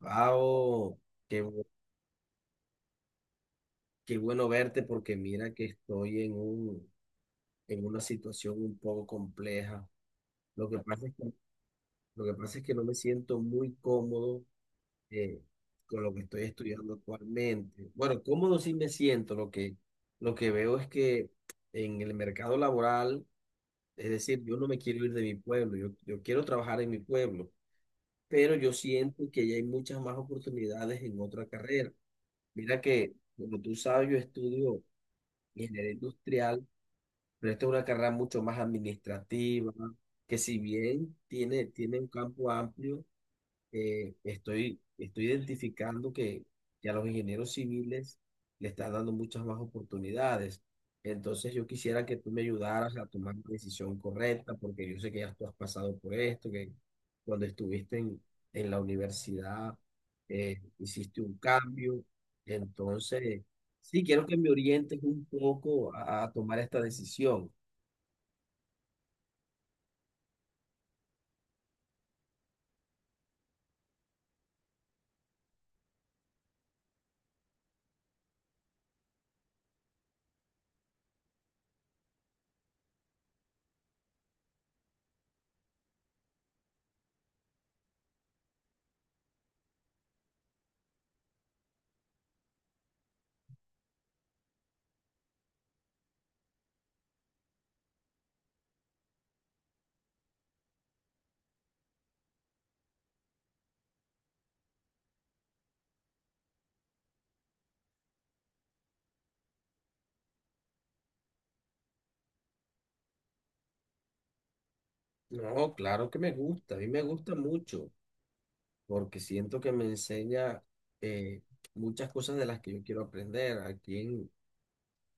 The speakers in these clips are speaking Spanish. Pau, qué, bu- qué bueno verte porque mira que estoy en una situación un poco compleja. Lo que pasa es que, lo que pasa es que no me siento muy cómodo eh, con lo que estoy estudiando actualmente. Bueno, cómodo sí me siento. Lo que veo es que en el mercado laboral, es decir, yo no me quiero ir de mi pueblo, yo quiero trabajar en mi pueblo, pero yo siento que ya hay muchas más oportunidades en otra carrera. Mira que, como tú sabes, yo estudio ingeniero industrial, pero esta es una carrera mucho más administrativa, que si bien tiene un campo amplio, estoy identificando que a los ingenieros civiles le están dando muchas más oportunidades. Entonces yo quisiera que tú me ayudaras a tomar la decisión correcta, porque yo sé que ya tú has pasado por esto, que cuando estuviste en la universidad hiciste un cambio. Entonces, sí, quiero que me orientes un poco a tomar esta decisión. No, claro que me gusta, a mí me gusta mucho, porque siento que me enseña eh, muchas cosas de las que yo quiero aprender. Aquí en,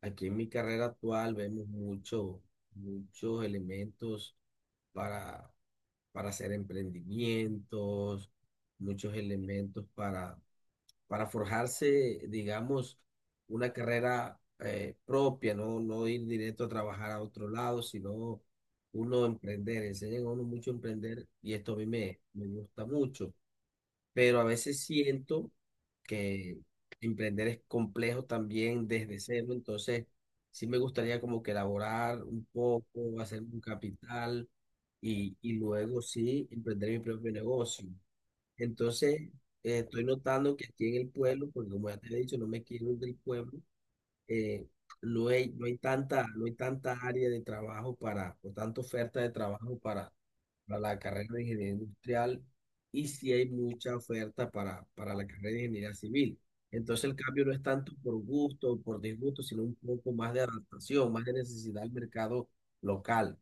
aquí en mi carrera actual vemos muchos elementos para, para hacer emprendimientos, muchos elementos para forjarse, digamos, una carrera propia, ¿no? No ir directo a trabajar a otro lado, sino uno emprender. Enseñan a uno mucho a emprender y esto a mí me gusta mucho, pero a veces siento que emprender es complejo también desde cero, entonces sí me gustaría como que elaborar un poco, hacer un capital y luego sí emprender mi propio negocio. Entonces estoy notando que aquí en el pueblo, porque como ya te he dicho, no me quiero ir del pueblo, eh, no hay tanta área de trabajo o tanta oferta de trabajo para la carrera de ingeniería industrial y sí hay mucha oferta para la carrera de ingeniería civil. Entonces el cambio no es tanto por gusto o por disgusto, sino un poco más de adaptación, más de necesidad al mercado local.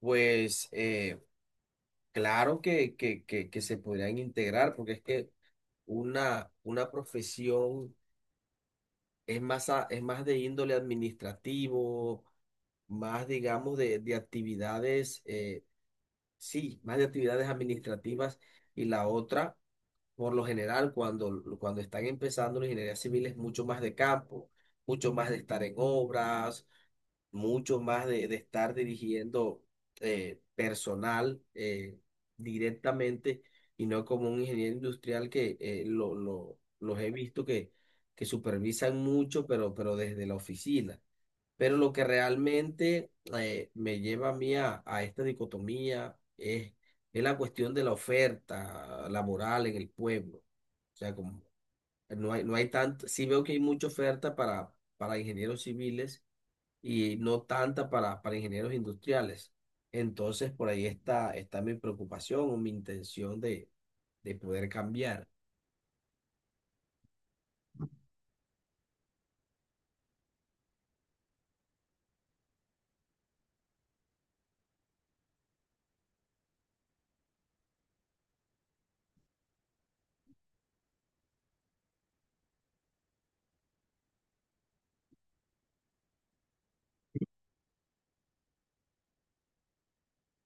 Pues claro que se podrían integrar, porque es que una profesión, es más, es más de índole administrativo, más, digamos, de actividades, sí, más de actividades administrativas. Y la otra, por lo general, cuando están empezando la ingeniería civil es mucho más de campo, mucho más de estar en obras, mucho más de estar dirigiendo personal directamente y no como un ingeniero industrial que los he visto que supervisan mucho, pero desde la oficina. Pero lo que realmente me lleva a mí a esta dicotomía es la cuestión de la oferta laboral en el pueblo. O sea, como no hay tanto, sí veo que hay mucha oferta para ingenieros civiles y no tanta para ingenieros industriales. Entonces, por ahí está mi preocupación o mi intención de poder cambiar.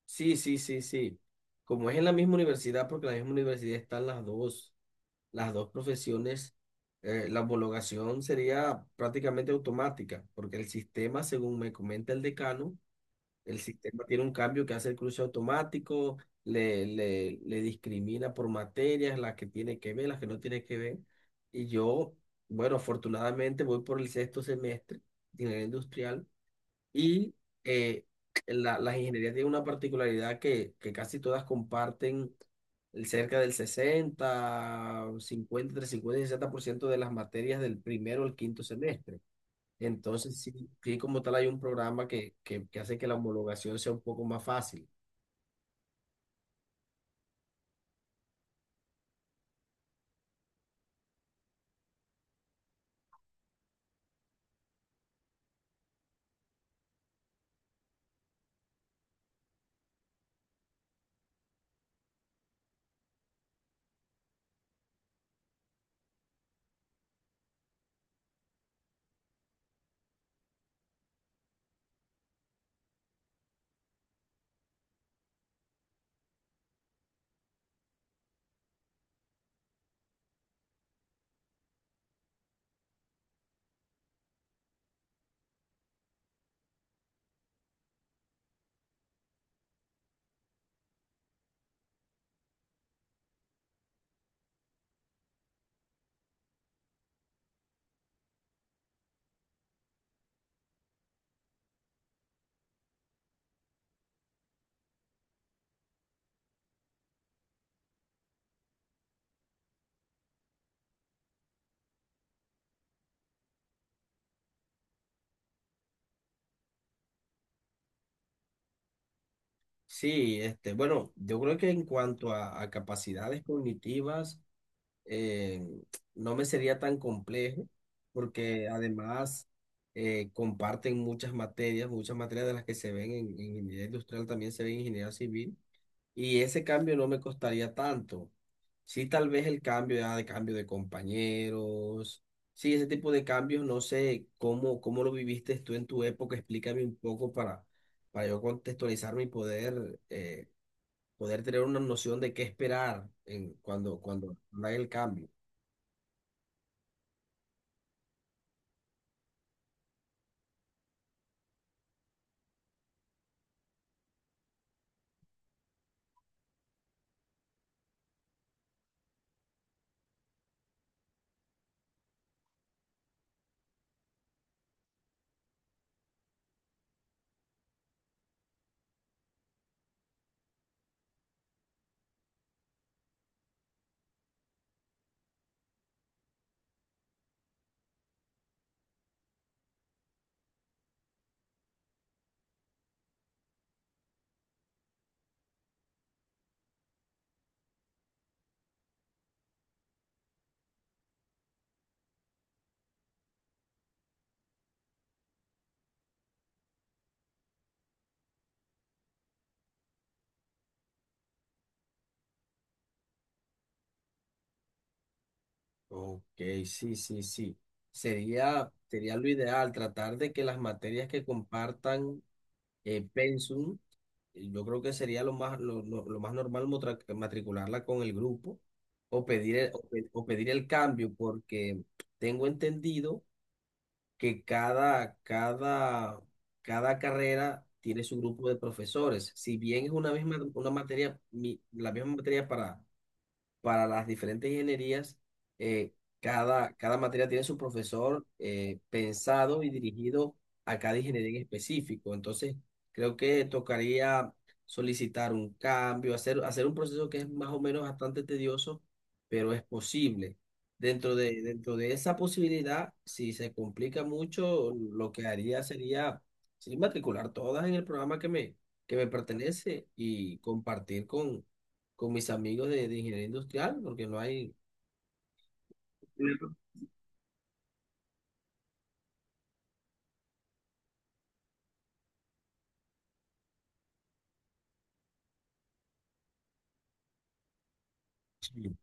Sí, sí, sí, sí. Como es en la misma universidad, porque en la misma universidad están las dos profesiones, la homologación sería prácticamente automática, porque el sistema, según me comenta el decano. El sistema tiene un cambio que hace el cruce automático, le discrimina por materias, las que tiene que ver, las que no tiene que ver. Y yo, bueno, afortunadamente voy por el sexto semestre de ingeniería industrial y eh, las ingenierías tienen una particularidad que casi todas comparten el cerca del 60 50 entre 50 y 60% de las materias del primero al quinto semestre. Entonces, sí, sí, como tal hay un programa que hace que la homologación sea un poco más fácil. Sí, este, bueno, yo creo que en cuanto a capacidades cognitivas, eh, no me sería tan complejo, porque además comparten muchas materias de las que se ven en ingeniería industrial también se ven en ingeniería civil. Y ese cambio no me costaría tanto. Sí, tal vez el cambio ya de cambio de compañeros. Sí, ese tipo de cambios, no sé cómo lo viviste tú en tu época. Explícame un poco para yo contextualizarme y poder tener una noción de qué esperar cuando haga el cambio. Ok, sí, sí, sí. Sería lo ideal tratar de que las materias que compartan pensum. Yo creo que sería lo más normal matricularla con el grupo o pedir el, o pe- o pedir el cambio, porque tengo entendido que cada carrera tiene su grupo de profesores. Si bien es una misma, una materia, mi- la misma materia para las diferentes ingenierías, eh, cada materia tiene su profesor pensado y dirigido a cada ingeniería en específico. Entonces, creo que tocaría solicitar un cambio, hacer un proceso que es más o menos bastante tedioso, pero es posible. Dentro de esa posibilidad, si se complica mucho, lo que haría sería, sería matricular todas en el programa que me pertenece y compartir con mis amigos de ingeniería industrial, porque no hay. Claro. Sí,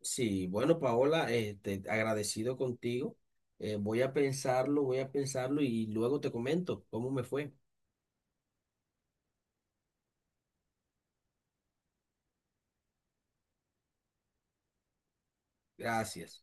sí, bueno, Paola, este, agradecido contigo. Voy a pensarlo y luego te comento cómo me fue. Gracias.